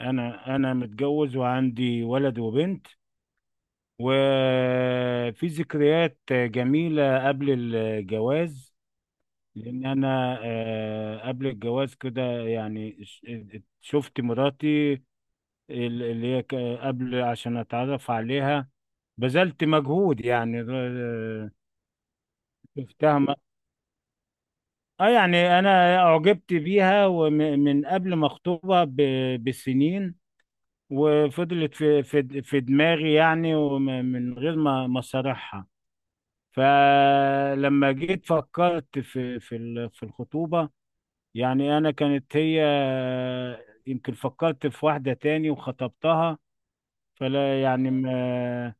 انا متجوز وعندي ولد وبنت، وفي ذكريات جميلة قبل الجواز. لان انا قبل الجواز كده يعني شفت مراتي اللي هي قبل، عشان اتعرف عليها بذلت مجهود يعني شفتها م- اه يعني انا اعجبت بيها، ومن قبل ما اخطبها بسنين. وفضلت في دماغي يعني، ومن غير ما صارحها. فلما جيت فكرت في الخطوبة، يعني أنا كانت هي يمكن فكرت في واحدة تاني وخطبتها، فلا يعني ما،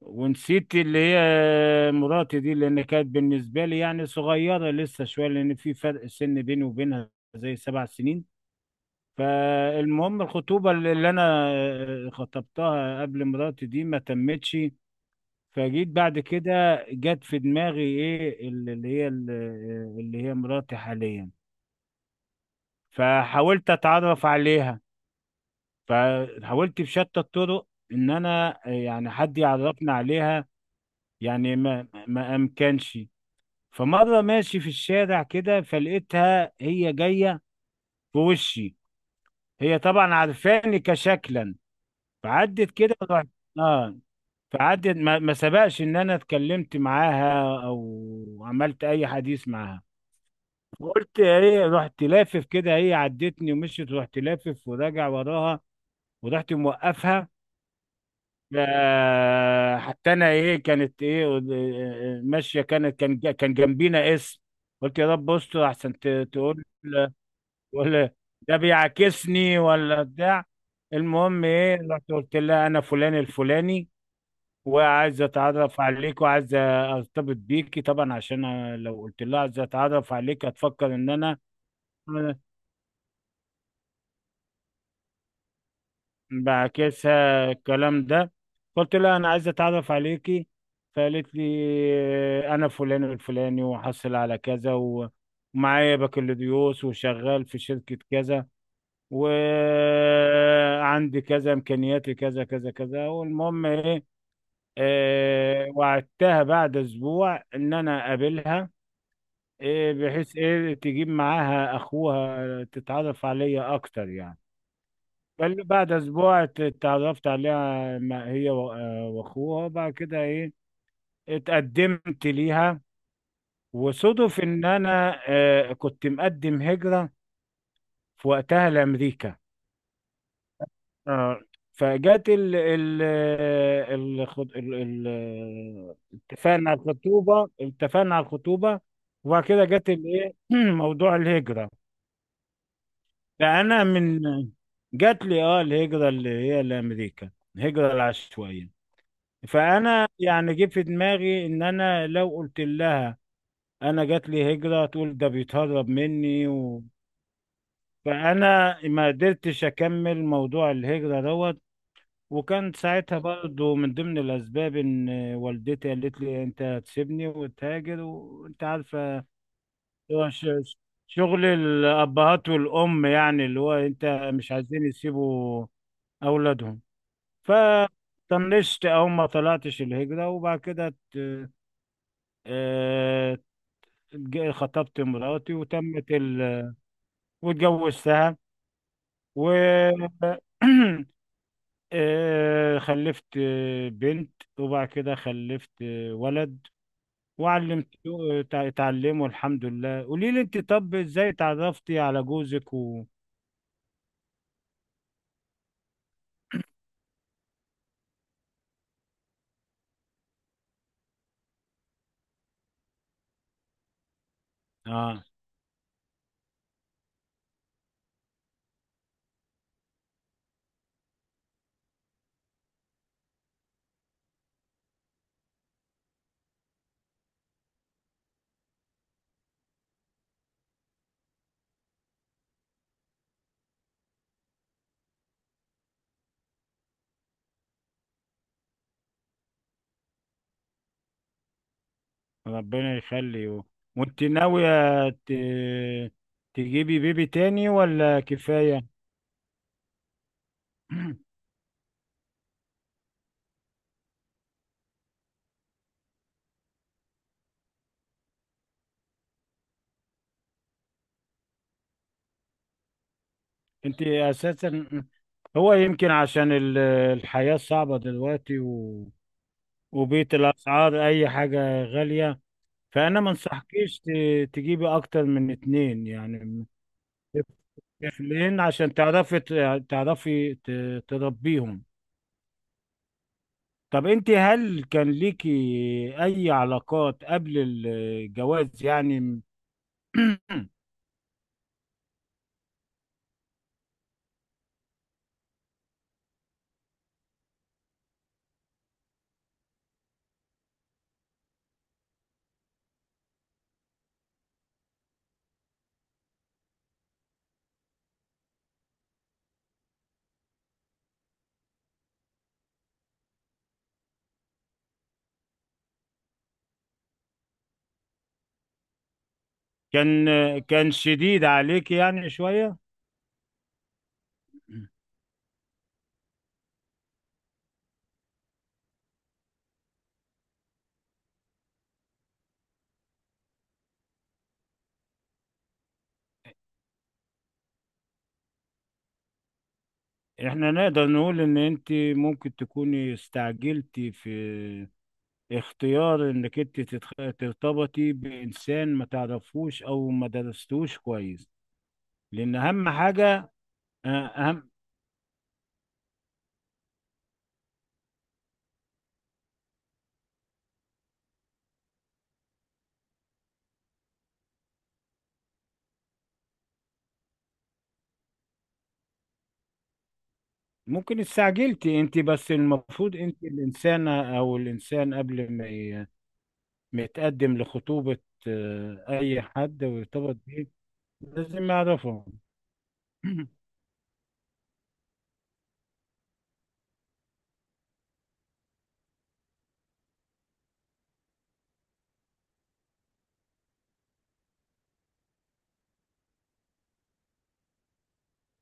ونسيت اللي هي مراتي دي، لأن كانت بالنسبة لي يعني صغيرة لسه شوية، لأن في فرق سن بيني وبينها زي 7 سنين. فالمهم الخطوبة اللي انا خطبتها قبل مراتي دي ما تمتش. فجيت بعد كده جت في دماغي ايه اللي هي مراتي حاليا. فحاولت اتعرف عليها، فحاولت بشتى الطرق ان انا يعني حد يعرفنا عليها، يعني ما امكنش. فمرة ماشي في الشارع كده فلقيتها هي جاية في وشي. هي طبعا عارفاني كشكلا. فعدت كده ورحت. اه فعدت ما سبقش ان انا اتكلمت معاها او عملت اي حديث معاها. قلت ايه، رحت لافف كده، هي عدتني ومشيت، رحت لافف وراجع وراها ورحت موقفها. حتى انا ايه كانت ايه ماشيه كانت كان جنبينا اسم. قلت يا رب استر، احسن تقول ولا ده بيعاكسني ولا بتاع. المهم ايه، رحت قلت لها انا فلان الفلاني وعايز اتعرف عليك وعايز ارتبط بيكي، طبعا عشان أنا لو قلت لها عايز اتعرف عليك هتفكر ان انا بعكسها الكلام ده. قلت لها انا عايز اتعرف عليكي، فقالت لي انا فلان الفلاني وحصل على كذا ومعايا بكالوريوس وشغال في شركة كذا وعندي كذا، امكانياتي كذا كذا كذا، والمهم ايه، وعدتها بعد اسبوع ان انا اقابلها، إيه، بحيث إيه تجيب معاها أخوها تتعرف عليا أكتر يعني. بل بعد أسبوع اتعرفت عليها ما هي و وأخوها، وبعد كده إيه اتقدمت ليها. وصدف إن أنا كنت مقدم هجرة في وقتها لأمريكا. آه فجت ال ال ال الخط- ال ال اتفقنا على الخطوبة، وبعد كده جت الإيه موضوع الهجرة. لا انا من جات لي الهجره اللي هي لامريكا، الهجره العشوائيه. فانا يعني جه في دماغي ان انا لو قلت لها انا جات لي هجره تقول ده بيتهرب مني. و... فانا ما قدرتش اكمل موضوع الهجره دوت. وكان ساعتها برضو من ضمن الاسباب ان والدتي قالت لي انت هتسيبني وتهاجر وانت عارفه. هو شغل الابهات والام يعني اللي هو انت مش عايزين يسيبوا أولادهم. فطنشت أو ما طلعتش الهجرة، وبعد كده آه، خطبت مراتي وتمت واتجوزتها. و خلفت بنت، وبعد كده خلفت ولد وعلمته تعلمه الحمد لله. قولي لي انت، طب ازاي اتعرفتي على جوزك؟ و... اه، ربنا يخليه. وانت ناوية ت... تجيبي بيبي تاني ولا كفاية؟ انت اساسا هو يمكن عشان الحياة صعبة دلوقتي، و... وبيت الأسعار أي حاجة غالية. فأنا ما انصحكيش تجيبي أكتر من اتنين يعني، طفلين، عشان تعرفي تعرفي تربيهم. طب أنت هل كان ليكي أي علاقات قبل الجواز يعني؟ كان كان شديد عليك يعني شوية. احنا نقدر نقول ان انت ممكن تكوني استعجلتي في اختيار انك انت ترتبطي بانسان ما تعرفوش او ما درستوش كويس. لان اهم حاجة، آه، اهم ممكن استعجلتي انت، بس المفروض انت الانسانة او الانسان قبل ما ما يتقدم لخطوبة، اي حد ويرتبط بيه لازم يعرفه.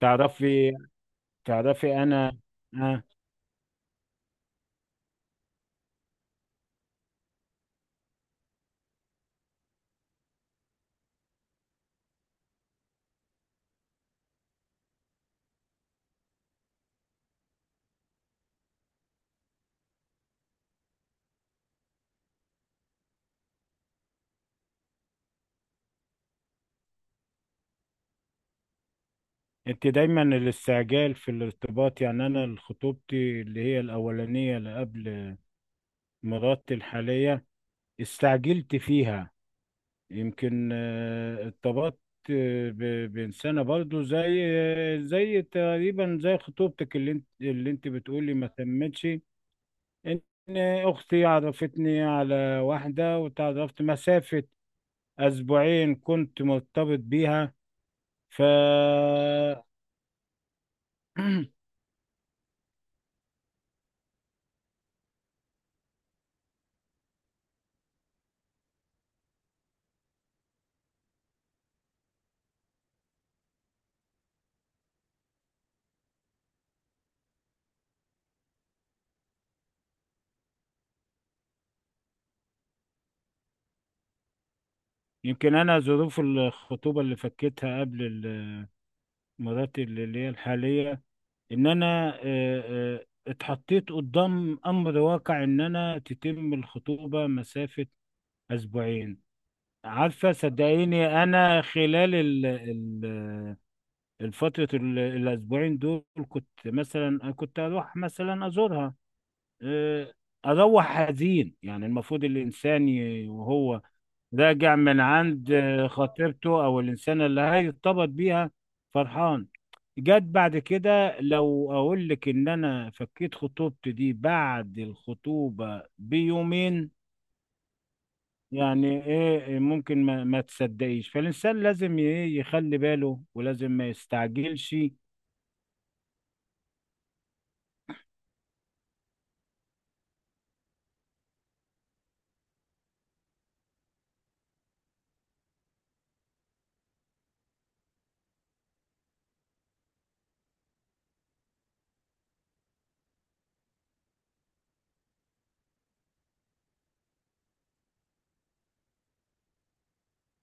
تعرفي تعرفي انا، انت دايما الاستعجال في الارتباط يعني. انا خطوبتي اللي هي الاولانيه اللي قبل مراتي الحاليه استعجلت فيها. يمكن ارتبطت بانسانه برضو زي زي تقريبا زي خطوبتك، اللي انت بتقولي ما تمتش. ان اختي عرفتني على واحده وتعرفت مسافه اسبوعين كنت مرتبط بيها. ف يمكن انا ظروف الخطوبه اللي فكيتها قبل مراتي اللي هي الحاليه، ان انا اتحطيت قدام امر واقع ان انا تتم الخطوبه مسافه اسبوعين. عارفه صدقيني انا خلال الفتره الاسبوعين دول كنت مثلا كنت اروح مثلا ازورها، آه، اروح حزين يعني. المفروض الانسان وهو راجع من عند خطيبته او الانسانه اللي هيرتبط بيها فرحان. جت بعد كده لو اقول لك ان انا فكيت خطوبتي دي بعد الخطوبه بيومين، يعني ايه، ممكن ما تصدقيش. فالانسان لازم ايه يخلي باله ولازم ما يستعجلش.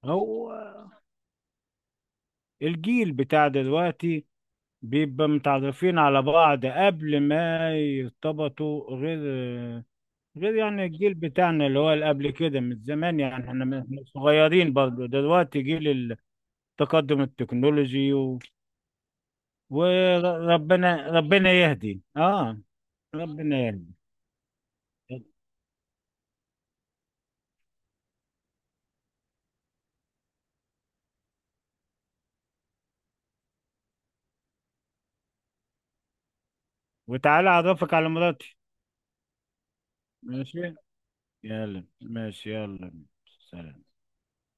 هو الجيل بتاع دلوقتي بيبقى متعرفين على بعض قبل ما يرتبطوا، غير يعني الجيل بتاعنا اللي هو اللي قبل كده من زمان، يعني احنا إحنا صغيرين برضه، دلوقتي جيل التقدم التكنولوجي. و... وربنا ربنا يهدي، اه ربنا يهدي. وتعالى اعرفك على مراتي. ماشي يلا، ماشي يلا. سلام.